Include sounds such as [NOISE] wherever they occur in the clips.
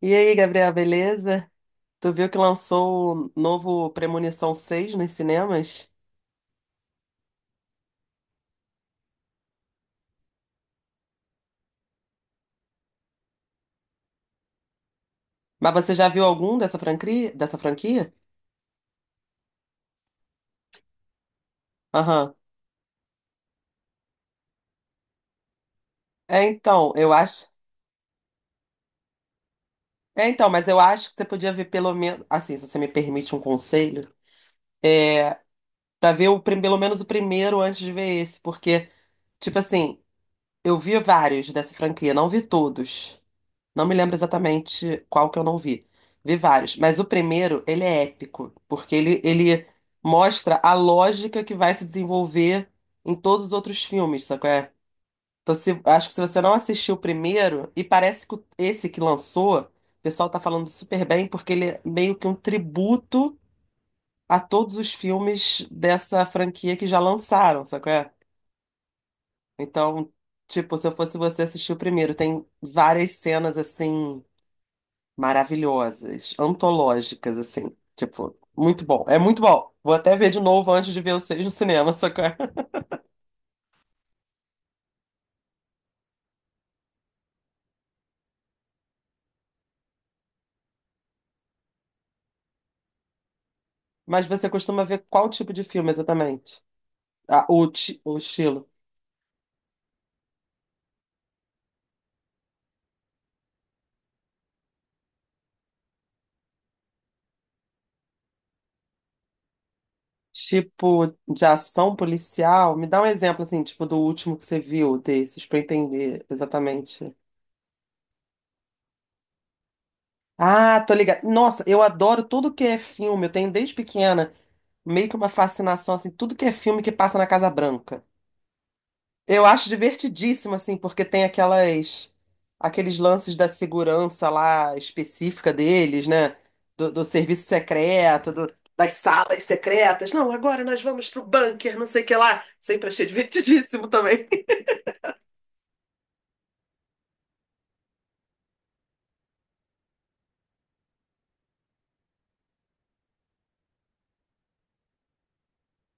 E aí, Gabriel, beleza? Tu viu que lançou o novo Premonição 6 nos cinemas? Mas você já viu algum dessa franquia? Aham. É, então, eu acho. É, então, mas eu acho que você podia ver pelo menos. Assim, se você me permite um conselho, é pra ver pelo menos o primeiro antes de ver esse, porque, tipo assim, eu vi vários dessa franquia, não vi todos. Não me lembro exatamente qual que eu não vi. Vi vários, mas o primeiro, ele é épico, porque ele mostra a lógica que vai se desenvolver em todos os outros filmes, sabe qual é? Então, se, acho que se você não assistiu o primeiro, e parece que esse que lançou, o pessoal tá falando super bem, porque ele é meio que um tributo a todos os filmes dessa franquia que já lançaram, sabe qual é? Então, tipo, se eu fosse você assistir o primeiro, tem várias cenas assim maravilhosas, antológicas, assim. Tipo, muito bom. É muito bom. Vou até ver de novo antes de ver o 6 no cinema, só que... [LAUGHS] Mas você costuma ver qual tipo de filme exatamente? Ah, o estilo. Tipo de ação policial? Me dá um exemplo, assim, tipo, do último que você viu desses, pra eu entender exatamente. Ah, tô ligada. Nossa, eu adoro tudo que é filme. Eu tenho desde pequena meio que uma fascinação, assim, tudo que é filme que passa na Casa Branca. Eu acho divertidíssimo, assim, porque tem aqueles lances da segurança lá específica deles, né? Do serviço secreto, das salas secretas. Não, agora nós vamos pro bunker, não sei o que lá. Sempre achei [LAUGHS] divertidíssimo também.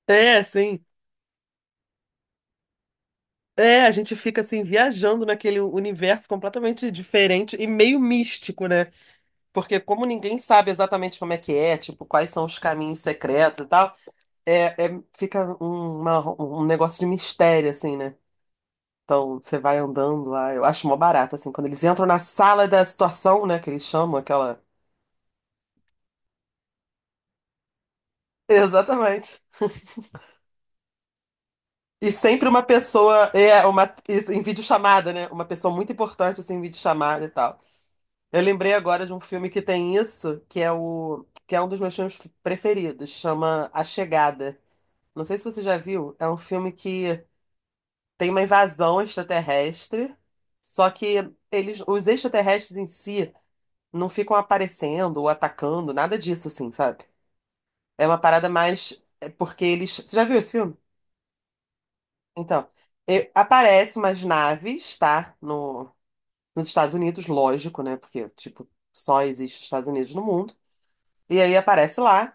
É, sim. É, a gente fica assim viajando naquele universo completamente diferente e meio místico, né? Porque como ninguém sabe exatamente como é que é, tipo, quais são os caminhos secretos e tal. Fica um negócio de mistério, assim, né? Então, você vai andando lá. Eu acho mó barato, assim, quando eles entram na sala da situação, né? Que eles chamam aquela. [LAUGHS] Exatamente. E sempre uma pessoa, é, uma, isso, em videochamada, né? Uma pessoa muito importante, assim, em videochamada e tal. Eu lembrei agora de um filme que tem isso, que é um dos meus filmes preferidos, chama A Chegada. Não sei se você já viu, é um filme que tem uma invasão extraterrestre, só que eles, os extraterrestres em si não ficam aparecendo ou atacando, nada disso, assim, sabe? É uma parada mais. É porque eles. Você já viu esse filme? Então, aparecem umas naves, tá? No, nos Estados Unidos, lógico, né? Porque, tipo, só existe os Estados Unidos no mundo. E aí aparece lá.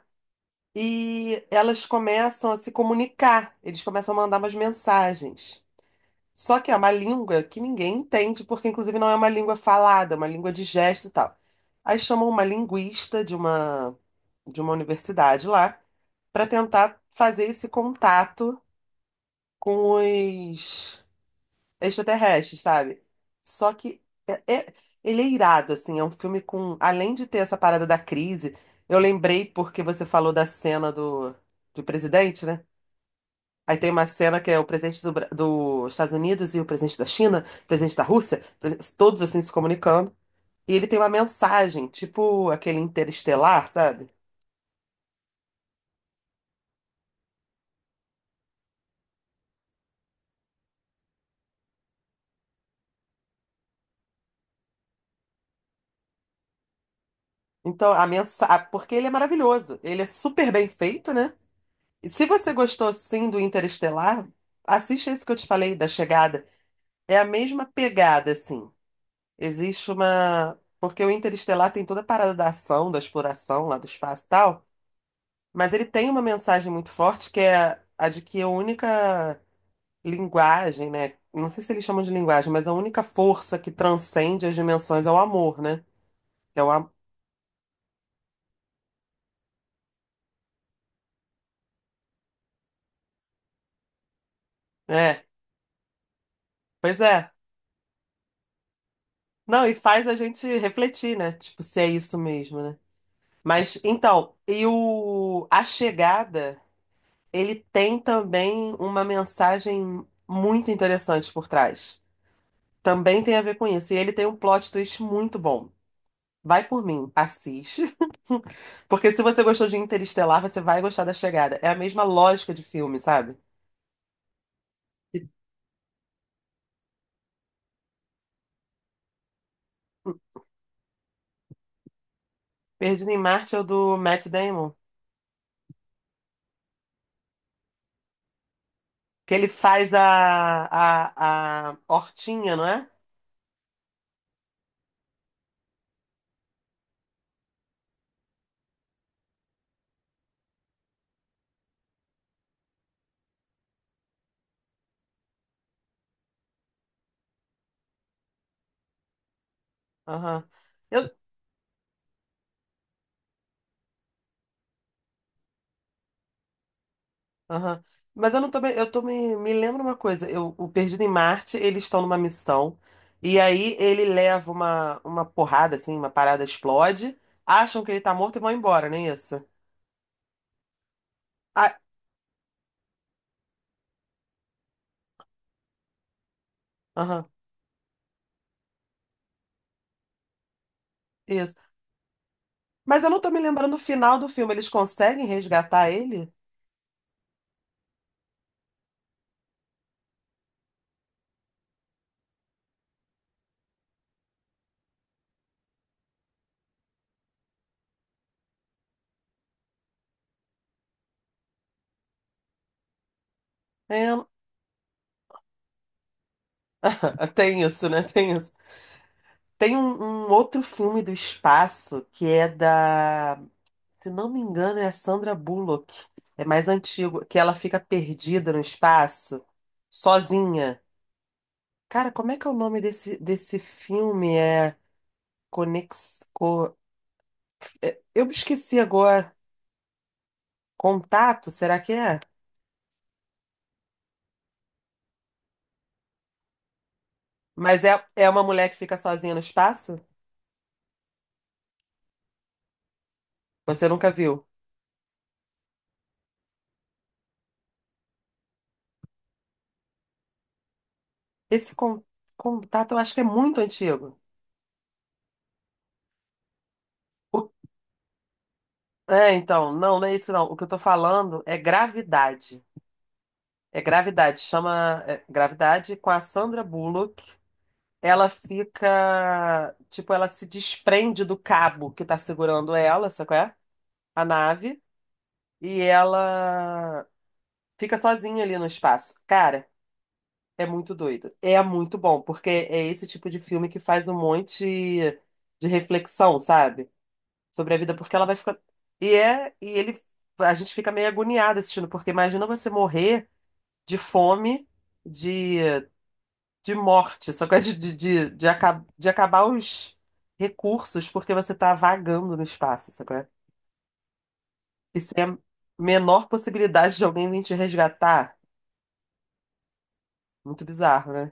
E elas começam a se comunicar, eles começam a mandar umas mensagens. Só que é uma língua que ninguém entende, porque inclusive não é uma língua falada, é uma língua de gesto e tal. Aí chamam uma linguista de uma, universidade lá para tentar fazer esse contato com os extraterrestres, sabe? Só que é- é- Ele é irado, assim, é um filme com, além de ter essa parada da crise, eu lembrei porque você falou da cena do presidente, né? Aí tem uma cena que é o presidente dos Estados Unidos e o presidente da China, o presidente da Rússia, todos assim se comunicando. E ele tem uma mensagem, tipo aquele interestelar, sabe? Então, a mensagem. Porque ele é maravilhoso. Ele é super bem feito, né? E se você gostou sim do Interestelar, assiste esse que eu te falei, da chegada. É a mesma pegada, assim. Existe uma. Porque o Interestelar tem toda a parada da ação, da exploração lá do espaço e tal. Mas ele tem uma mensagem muito forte que é a de que a única linguagem, né? Não sei se eles chamam de linguagem, mas a única força que transcende as dimensões é o amor, né? É o am... É, pois é. Não, e faz a gente refletir, né? Tipo, se é isso mesmo, né? Mas então, e o A Chegada, ele tem também uma mensagem muito interessante por trás. Também tem a ver com isso. E ele tem um plot twist muito bom. Vai por mim, assiste. Porque se você gostou de Interestelar, você vai gostar da Chegada. É a mesma lógica de filme, sabe? E Perdido em Marte é o do Matt Damon, que ele faz a hortinha, não é? Aham. Eu, aham. Mas eu não tô, me- eu tô me lembro uma coisa, o Perdido em Marte, eles estão numa missão, e aí ele leva uma porrada, assim, uma parada explode, acham que ele tá morto e vão embora, não é isso? Ah, aham, isso. Mas eu não tô me lembrando o final do filme, eles conseguem resgatar ele? É, tem isso, né? Tem isso. Tem um outro filme do espaço que é da, se não me engano, é a Sandra Bullock. É mais antigo, que ela fica perdida no espaço, sozinha. Cara, como é que é o nome desse filme? Conex... Co- Eu me esqueci agora. Contato, será que é? Mas é uma mulher que fica sozinha no espaço? Você nunca viu? Esse con- Contato eu acho que é muito antigo. É, então, não, não é isso não. O que eu tô falando é gravidade. É gravidade, chama gravidade com a Sandra Bullock. Ela fica, tipo, ela se desprende do cabo que tá segurando ela, sabe qual é? A nave, e ela fica sozinha ali no espaço. Cara, é muito doido. É muito bom, porque é esse tipo de filme que faz um monte de reflexão, sabe? Sobre a vida, porque ela vai ficar. E é, e ele, a gente fica meio agoniada assistindo, porque imagina você morrer de fome, de, de morte, só que é de acabar os recursos porque você tá vagando no espaço, sacou? É? E sem a menor possibilidade de alguém vir te resgatar. Muito bizarro, né?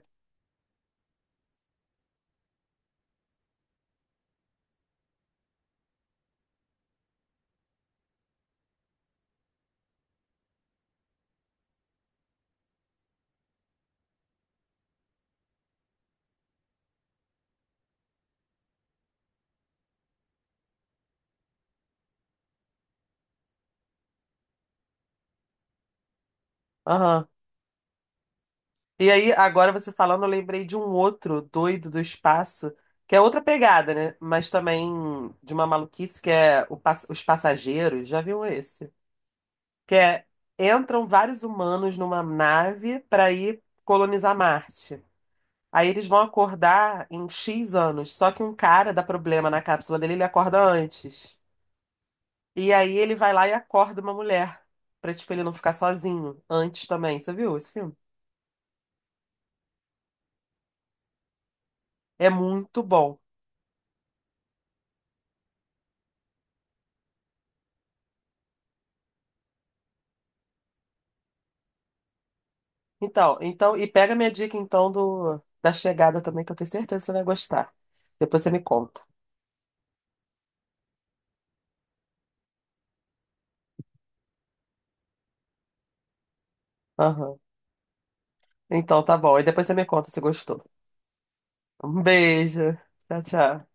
Aham. E aí, agora você falando, eu lembrei de um outro doido do espaço, que é outra pegada, né? Mas também de uma maluquice que é Os Passageiros. Já viu esse? Que entram vários humanos numa nave para ir colonizar Marte. Aí eles vão acordar em X anos, só que um cara dá problema na cápsula dele, ele acorda antes. E aí ele vai lá e acorda uma mulher, pra tipo ele não ficar sozinho antes também. Você viu esse filme? É muito bom. Então, e pega minha dica então do da chegada também, que eu tenho certeza que você vai gostar. Depois você me conta. Aham. Então, tá bom. E depois você me conta se gostou. Um beijo. Tchau, tchau.